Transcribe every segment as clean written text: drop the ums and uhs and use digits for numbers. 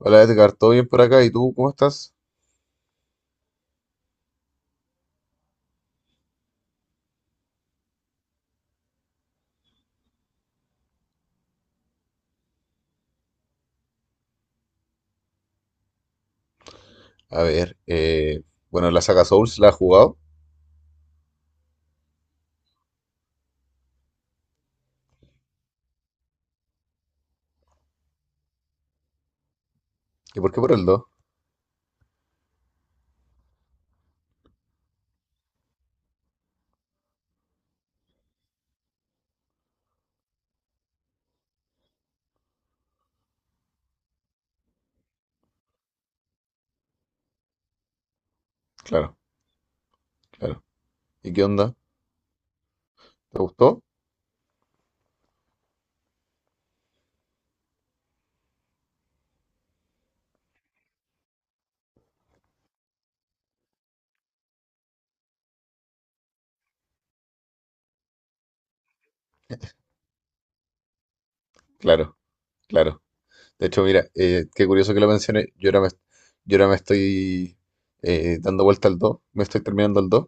Hola Edgar, ¿todo bien por acá? ¿Y tú cómo estás? A ver, bueno, la saga Souls la has jugado. ¿Y por qué por el dos? Claro, claro. ¿Y qué onda? ¿Te gustó? Claro, claro. De hecho, mira, qué curioso que lo mencioné. Yo ahora me estoy dando vuelta al 2, me estoy terminando el dos.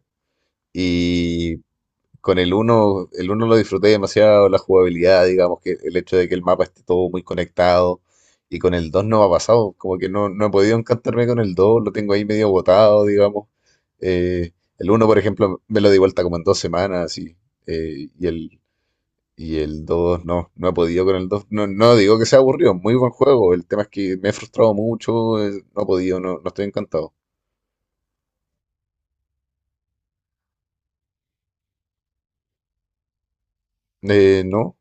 Y con el uno, lo disfruté demasiado, la jugabilidad, digamos, que el hecho de que el mapa esté todo muy conectado. Y con el 2 no me ha pasado, como que no he podido encantarme con el 2, lo tengo ahí medio botado, digamos. Eh, el uno, por ejemplo, me lo di vuelta como en 2 semanas eh, y el, y el 2 no he podido con el 2. No, no digo que sea aburrido, muy buen juego. El tema es que me he frustrado mucho, no he podido, no estoy encantado. No,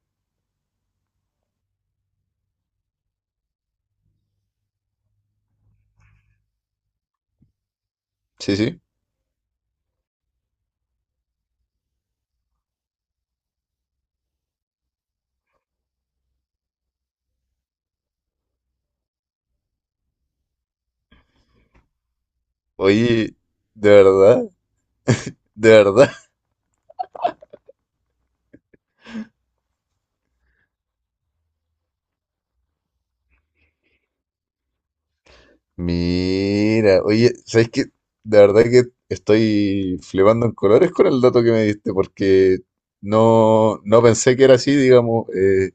sí, sí. Oye, de verdad, de verdad. Mira, oye, ¿sabes qué? De verdad que estoy flipando en colores con el dato que me diste, porque no pensé que era así, digamos,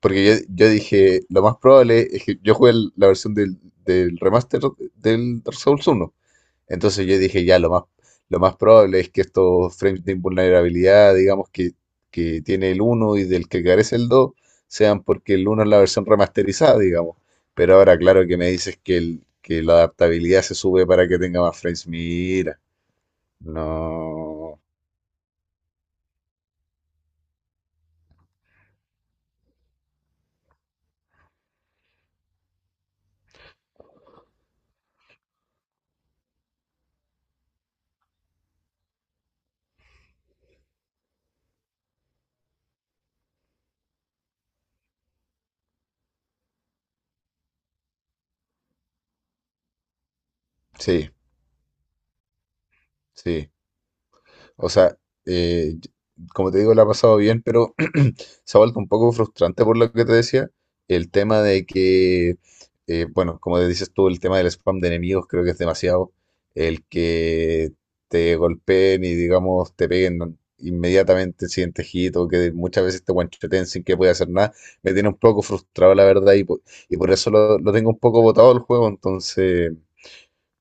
porque yo dije, lo más probable es que yo jugué la versión del remaster del Dark Souls 1, entonces yo dije, ya, lo más probable es que estos frames de invulnerabilidad, digamos que tiene el uno y del que carece el 2 sean porque el uno es la versión remasterizada, digamos. Pero ahora, claro que me dices que la adaptabilidad se sube para que tenga más frames. Mira, no. Sí, sí. O sea, eh, como te digo, la ha pasado bien, pero se ha vuelto un poco frustrante por lo que te decía, el tema de que, bueno, como te dices tú, el tema del spam de enemigos creo que es demasiado, el que te golpeen y digamos te peguen inmediatamente el siguiente hit o que muchas veces te guancheten sin que pueda hacer nada, me tiene un poco frustrado la verdad y por eso lo tengo un poco botado el juego, entonces,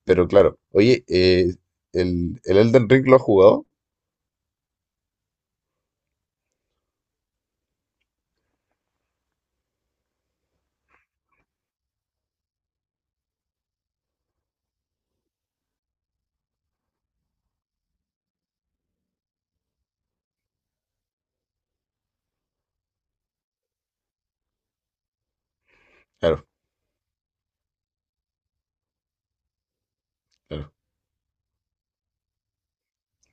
pero claro, oye, ¿el Elden Ring lo has jugado? Claro, claro.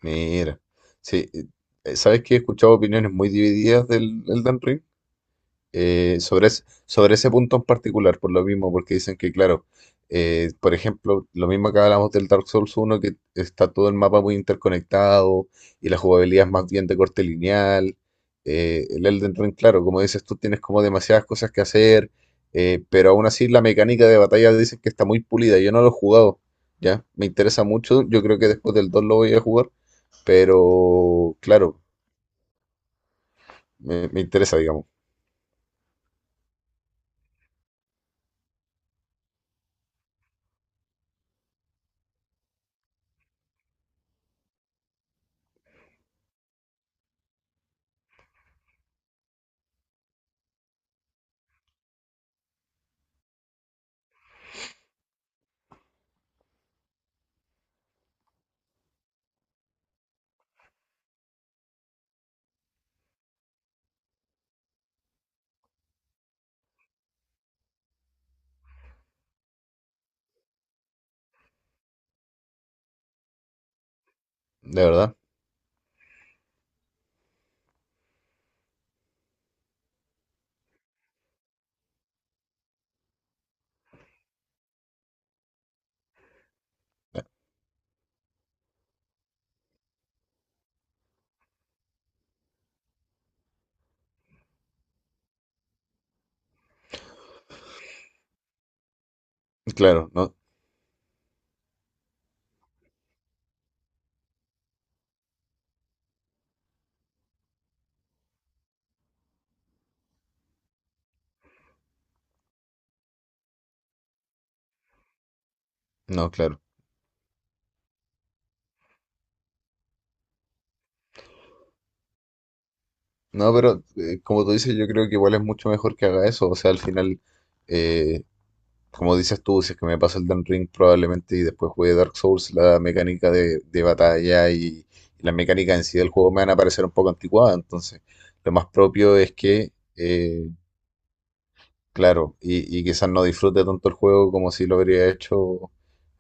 Mira, sí, sabes que he escuchado opiniones muy divididas del Elden Ring sobre ese punto en particular, por lo mismo, porque dicen que, claro, por ejemplo, lo mismo que hablamos del Dark Souls 1 que está todo el mapa muy interconectado y la jugabilidad es más bien de corte lineal. El Elden Ring, claro, como dices tú, tienes como demasiadas cosas que hacer, pero aún así la mecánica de batalla dicen que está muy pulida. Yo no lo he jugado, ¿ya? Me interesa mucho, yo creo que después del 2 lo voy a jugar pero, claro, me interesa, digamos, de verdad. Claro, no, no, claro. No, pero como tú dices, yo creo que igual es mucho mejor que haga eso. O sea, al final, eh, como dices tú, si es que me paso el Dan Ring probablemente y después juegue Dark Souls, la mecánica de batalla y, la mecánica en sí del juego me van a parecer un poco anticuada. Entonces, lo más propio es que eh, Claro, y quizás no disfrute tanto el juego como si lo habría hecho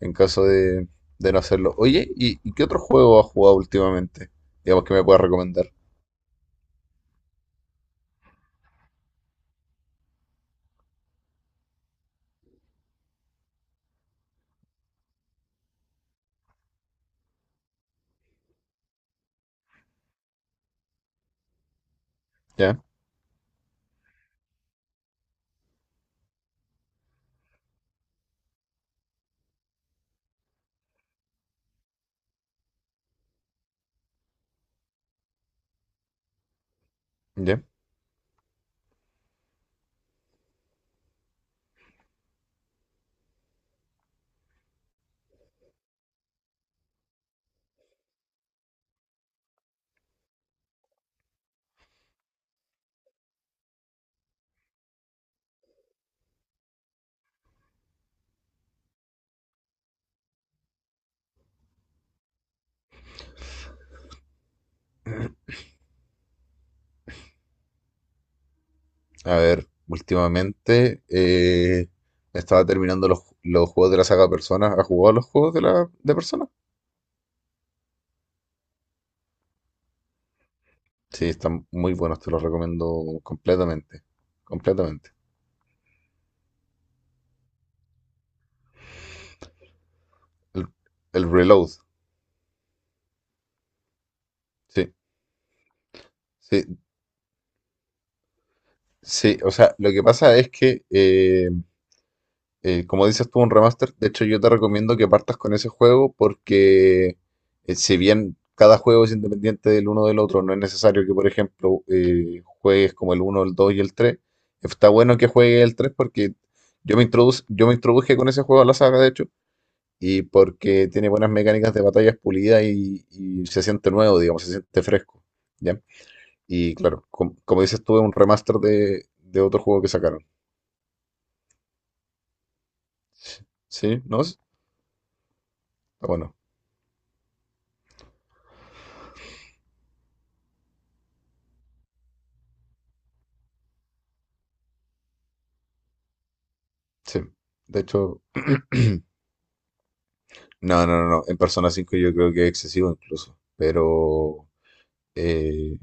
en caso de no hacerlo. Oye, ¿y qué otro juego has jugado últimamente? Digamos que me puedas recomendar. Ya, ya. A ver, últimamente estaba terminando los juegos de la saga Persona. ¿Has jugado los juegos de Persona? Sí, están muy buenos, te los recomiendo completamente. Completamente. El, el Reload. Sí, sí, sí. O sea, lo que pasa es que como dices tú, un remaster. De hecho, yo te recomiendo que partas con ese juego porque si bien cada juego es independiente del uno del otro, no es necesario que, por ejemplo, juegues como el uno, el 2 y el 3. Está bueno que juegues el 3 porque yo me introduje con ese juego a la saga, de hecho, y porque tiene buenas mecánicas de batallas pulidas y se siente nuevo, digamos, se siente fresco. ¿Ya? Y claro, como dices tú, es un remaster de otro juego que sacaron. ¿Sí? ¿No? Está bueno, sí. De hecho, no, no, no, no. En Persona 5 yo creo que es excesivo incluso. Pero eh,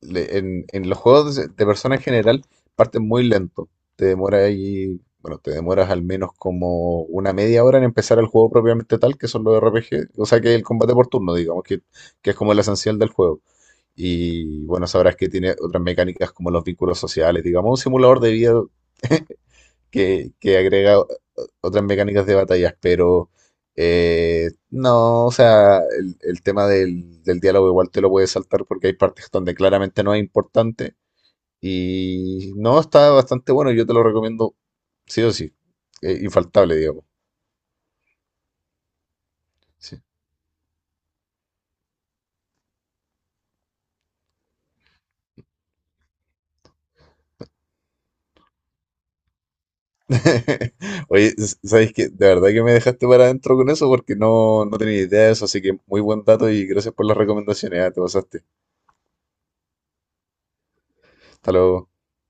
en los juegos de Persona en general parten muy lento. Te demora ahí, bueno, te demoras al menos como una media hora en empezar el juego propiamente tal, que son los RPG, o sea, que el combate por turno, digamos, que es como el esencial del juego. Y bueno, sabrás que tiene otras mecánicas como los vínculos sociales, digamos, un simulador de vida que agrega otras mecánicas de batallas, pero no, o sea, el tema del diálogo igual te lo puedes saltar porque hay partes donde claramente no es importante y no, está bastante bueno, yo te lo recomiendo sí o sí, infaltable, digamos. Sí. Oye, ¿sabes qué? De verdad que me dejaste para adentro con eso porque no tenía idea de eso, así que muy buen dato y gracias por las recomendaciones, ah, te pasaste. Hasta luego.